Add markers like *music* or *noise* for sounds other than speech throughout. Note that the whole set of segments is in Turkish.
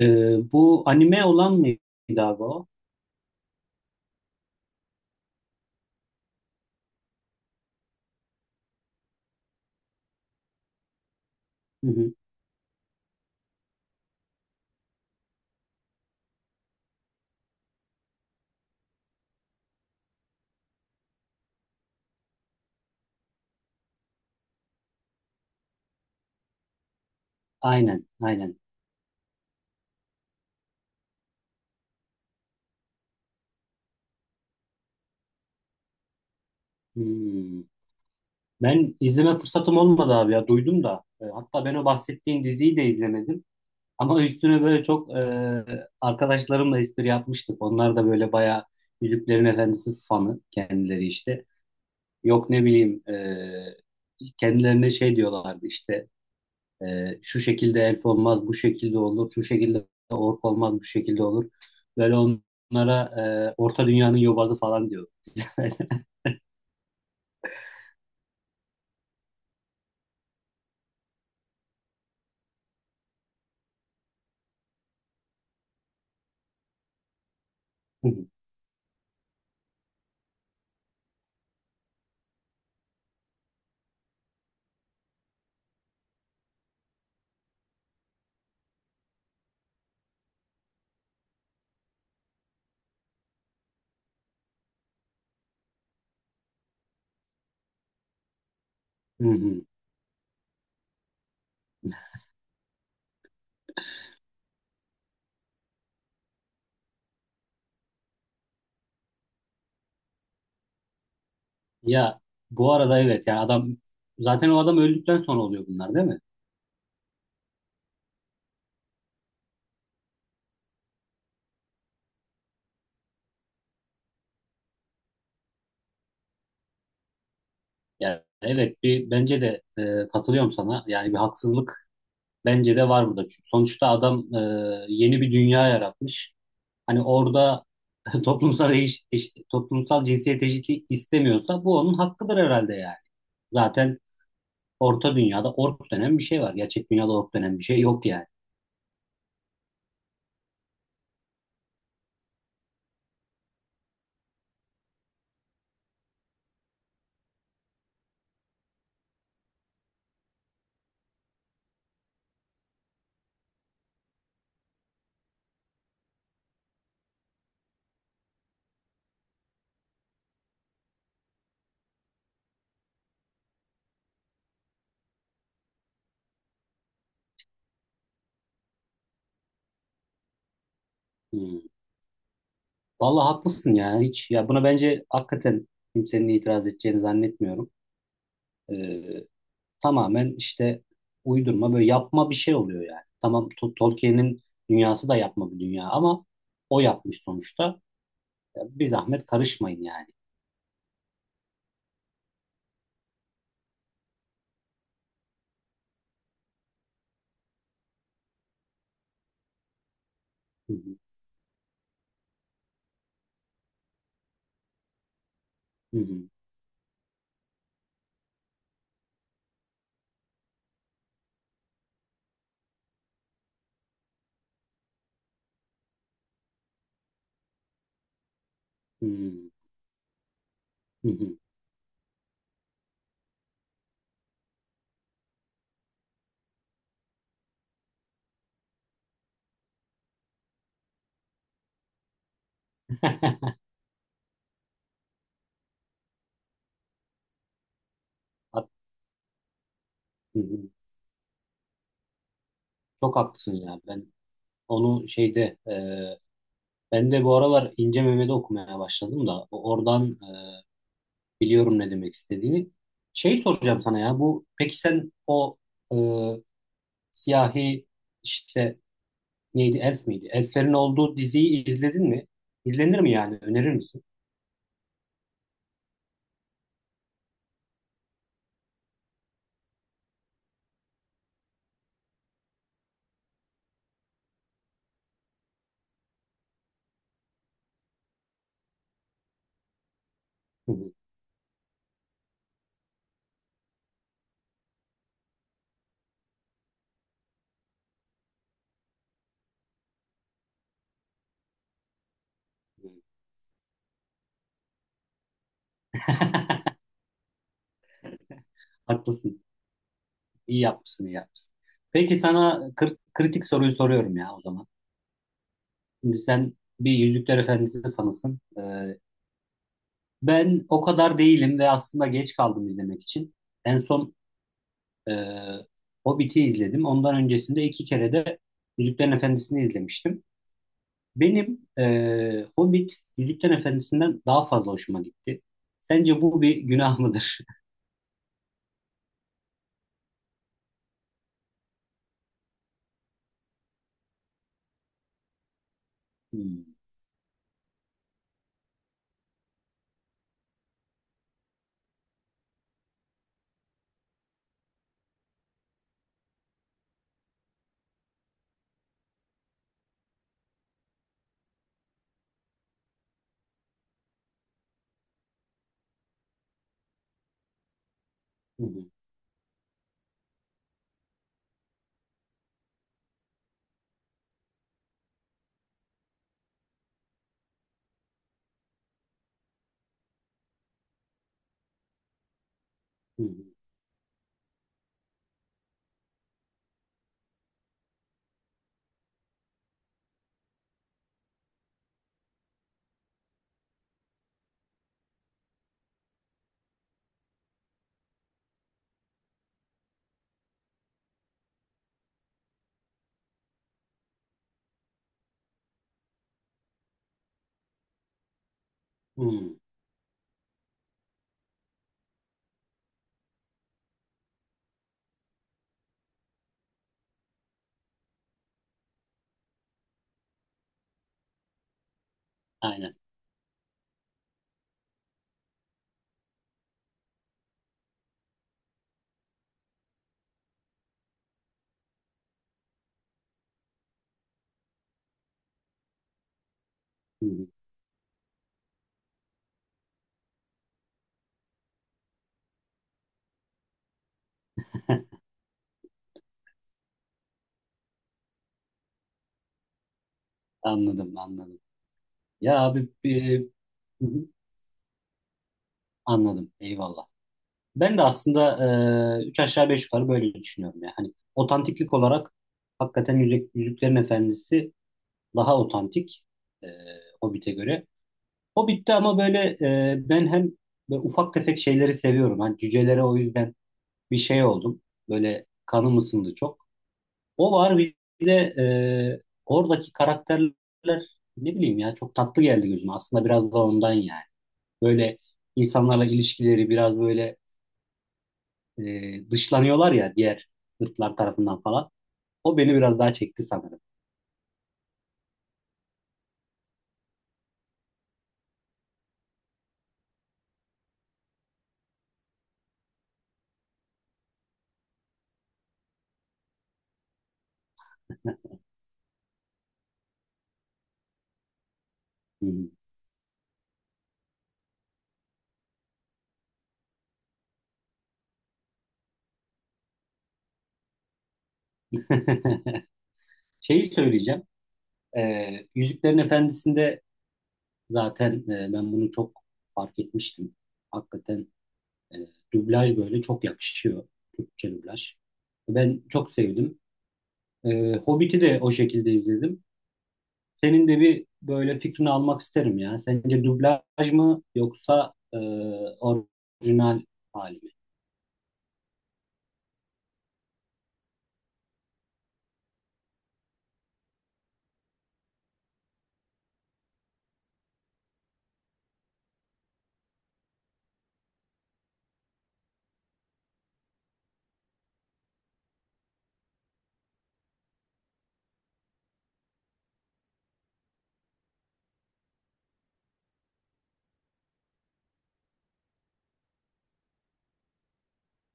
Bu anime olan mıydı abi o? Hı hı. Aynen, aynen. Hmm. Ben izleme fırsatım olmadı abi ya, duydum da. Hatta ben o bahsettiğin diziyi de izlemedim. Ama üstüne böyle çok arkadaşlarımla espri yapmıştık. Onlar da böyle bayağı Yüzüklerin Efendisi fanı kendileri işte. Yok ne bileyim, kendilerine şey diyorlardı işte. Şu şekilde elf olmaz, bu şekilde olur, şu şekilde ork olmaz, bu şekilde olur. Böyle onlara Orta Dünya'nın yobazı falan diyor. *laughs* Hı hı. Ya bu arada evet yani adam zaten o adam öldükten sonra oluyor bunlar değil mi? Yani evet bir bence de katılıyorum sana. Yani bir haksızlık bence de var burada. Çünkü sonuçta adam yeni bir dünya yaratmış. Hani orada *laughs* toplumsal toplumsal cinsiyet eşitliği istemiyorsa bu onun hakkıdır herhalde yani. Zaten orta dünyada ork denen bir şey var. Gerçek dünyada ork denen bir şey yok yani. Hmm. Vallahi haklısın ya. Hiç ya buna bence hakikaten kimsenin itiraz edeceğini zannetmiyorum. Ee, Tamamen işte uydurma böyle yapma bir şey oluyor yani. Tamam Tolkien'in dünyası da yapma bir dünya ama o yapmış sonuçta. Ya bir zahmet karışmayın yani. Hı hı, hı hı, hı hı, hı hı. *laughs* Hak- hı hı. Çok haklısın ya. Ben onu şeyde ben de bu aralar İnce Mehmet'i okumaya başladım da oradan biliyorum ne demek istediğini. Şey soracağım sana ya bu peki sen o e, siyahi işte neydi Elf miydi? Elflerin olduğu diziyi izledin mi? İzlenir mi yani? Önerir misin? Hı hı. Haklısın. İyi yapmışsın, iyi yapmışsın. Peki sana kritik soruyu soruyorum ya o zaman. Şimdi sen bir Yüzükler Efendisi fanısın. Ben o kadar değilim ve aslında geç kaldım izlemek için. En son Ee, Hobbit'i izledim. Ondan öncesinde iki kere de Yüzüklerin Efendisi'ni izlemiştim. Benim Hobbit Yüzüklerin Efendisi'nden daha fazla hoşuma gitti. Sence bu bir günah mıdır? *laughs* Hmm, hı hı, hı hı, hı. Aynen. Hı hı. *laughs* Anladım, anladım. Ya abi hı hı, anladım. Eyvallah. Ben de aslında üç aşağı beş yukarı böyle düşünüyorum ya. Hani otantiklik olarak hakikaten Yüzüklerin Efendisi daha otantik e, Hobbit'e göre. O bitti ama böyle ben hem böyle ufak tefek şeyleri seviyorum. Hani cücelere o yüzden bir şey oldum. Böyle kanım ısındı çok. O var bir de oradaki karakterler ne bileyim ya çok tatlı geldi gözüme. Aslında biraz da ondan yani. Böyle insanlarla ilişkileri biraz böyle dışlanıyorlar ya diğer ırklar tarafından falan. O beni biraz daha çekti sanırım. Hı. Hı. *laughs* Şeyi söyleyeceğim. E, Yüzüklerin Efendisi'nde zaten ben bunu çok fark etmiştim. Hakikaten e, dublaj böyle çok yakışıyor. Türkçe dublaj. Ben çok sevdim. Hobbit'i de o şekilde izledim. Senin de bir böyle fikrini almak isterim ya. Sence dublaj mı yoksa orijinal hali mi?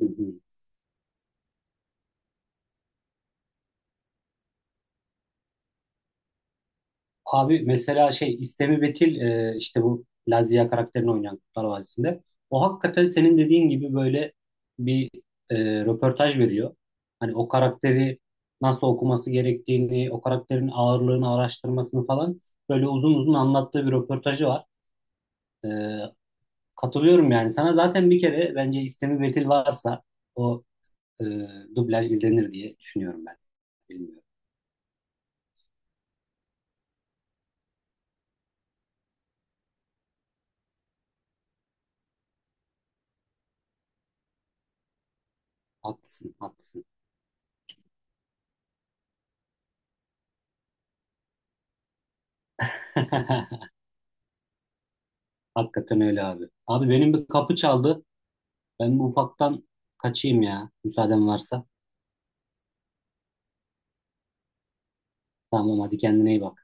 Hı hı. Abi mesela şey İstemi Betil işte bu Lazia karakterini oynayan Kurtlar Vadisi'nde. O hakikaten senin dediğin gibi böyle bir e, röportaj veriyor. Hani o karakteri nasıl okuması gerektiğini, o karakterin ağırlığını araştırmasını falan böyle uzun uzun anlattığı bir röportajı var. E, Katılıyorum yani sana. Zaten bir kere bence İstemi Betil varsa o e, dublaj izlenir diye düşünüyorum ben. Bilmiyorum. Haklısın, haklısın. *laughs* Hakikaten öyle abi. Abi benim bir kapı çaldı. Ben bu ufaktan kaçayım ya. Müsaaden varsa. Tamam hadi kendine iyi bak.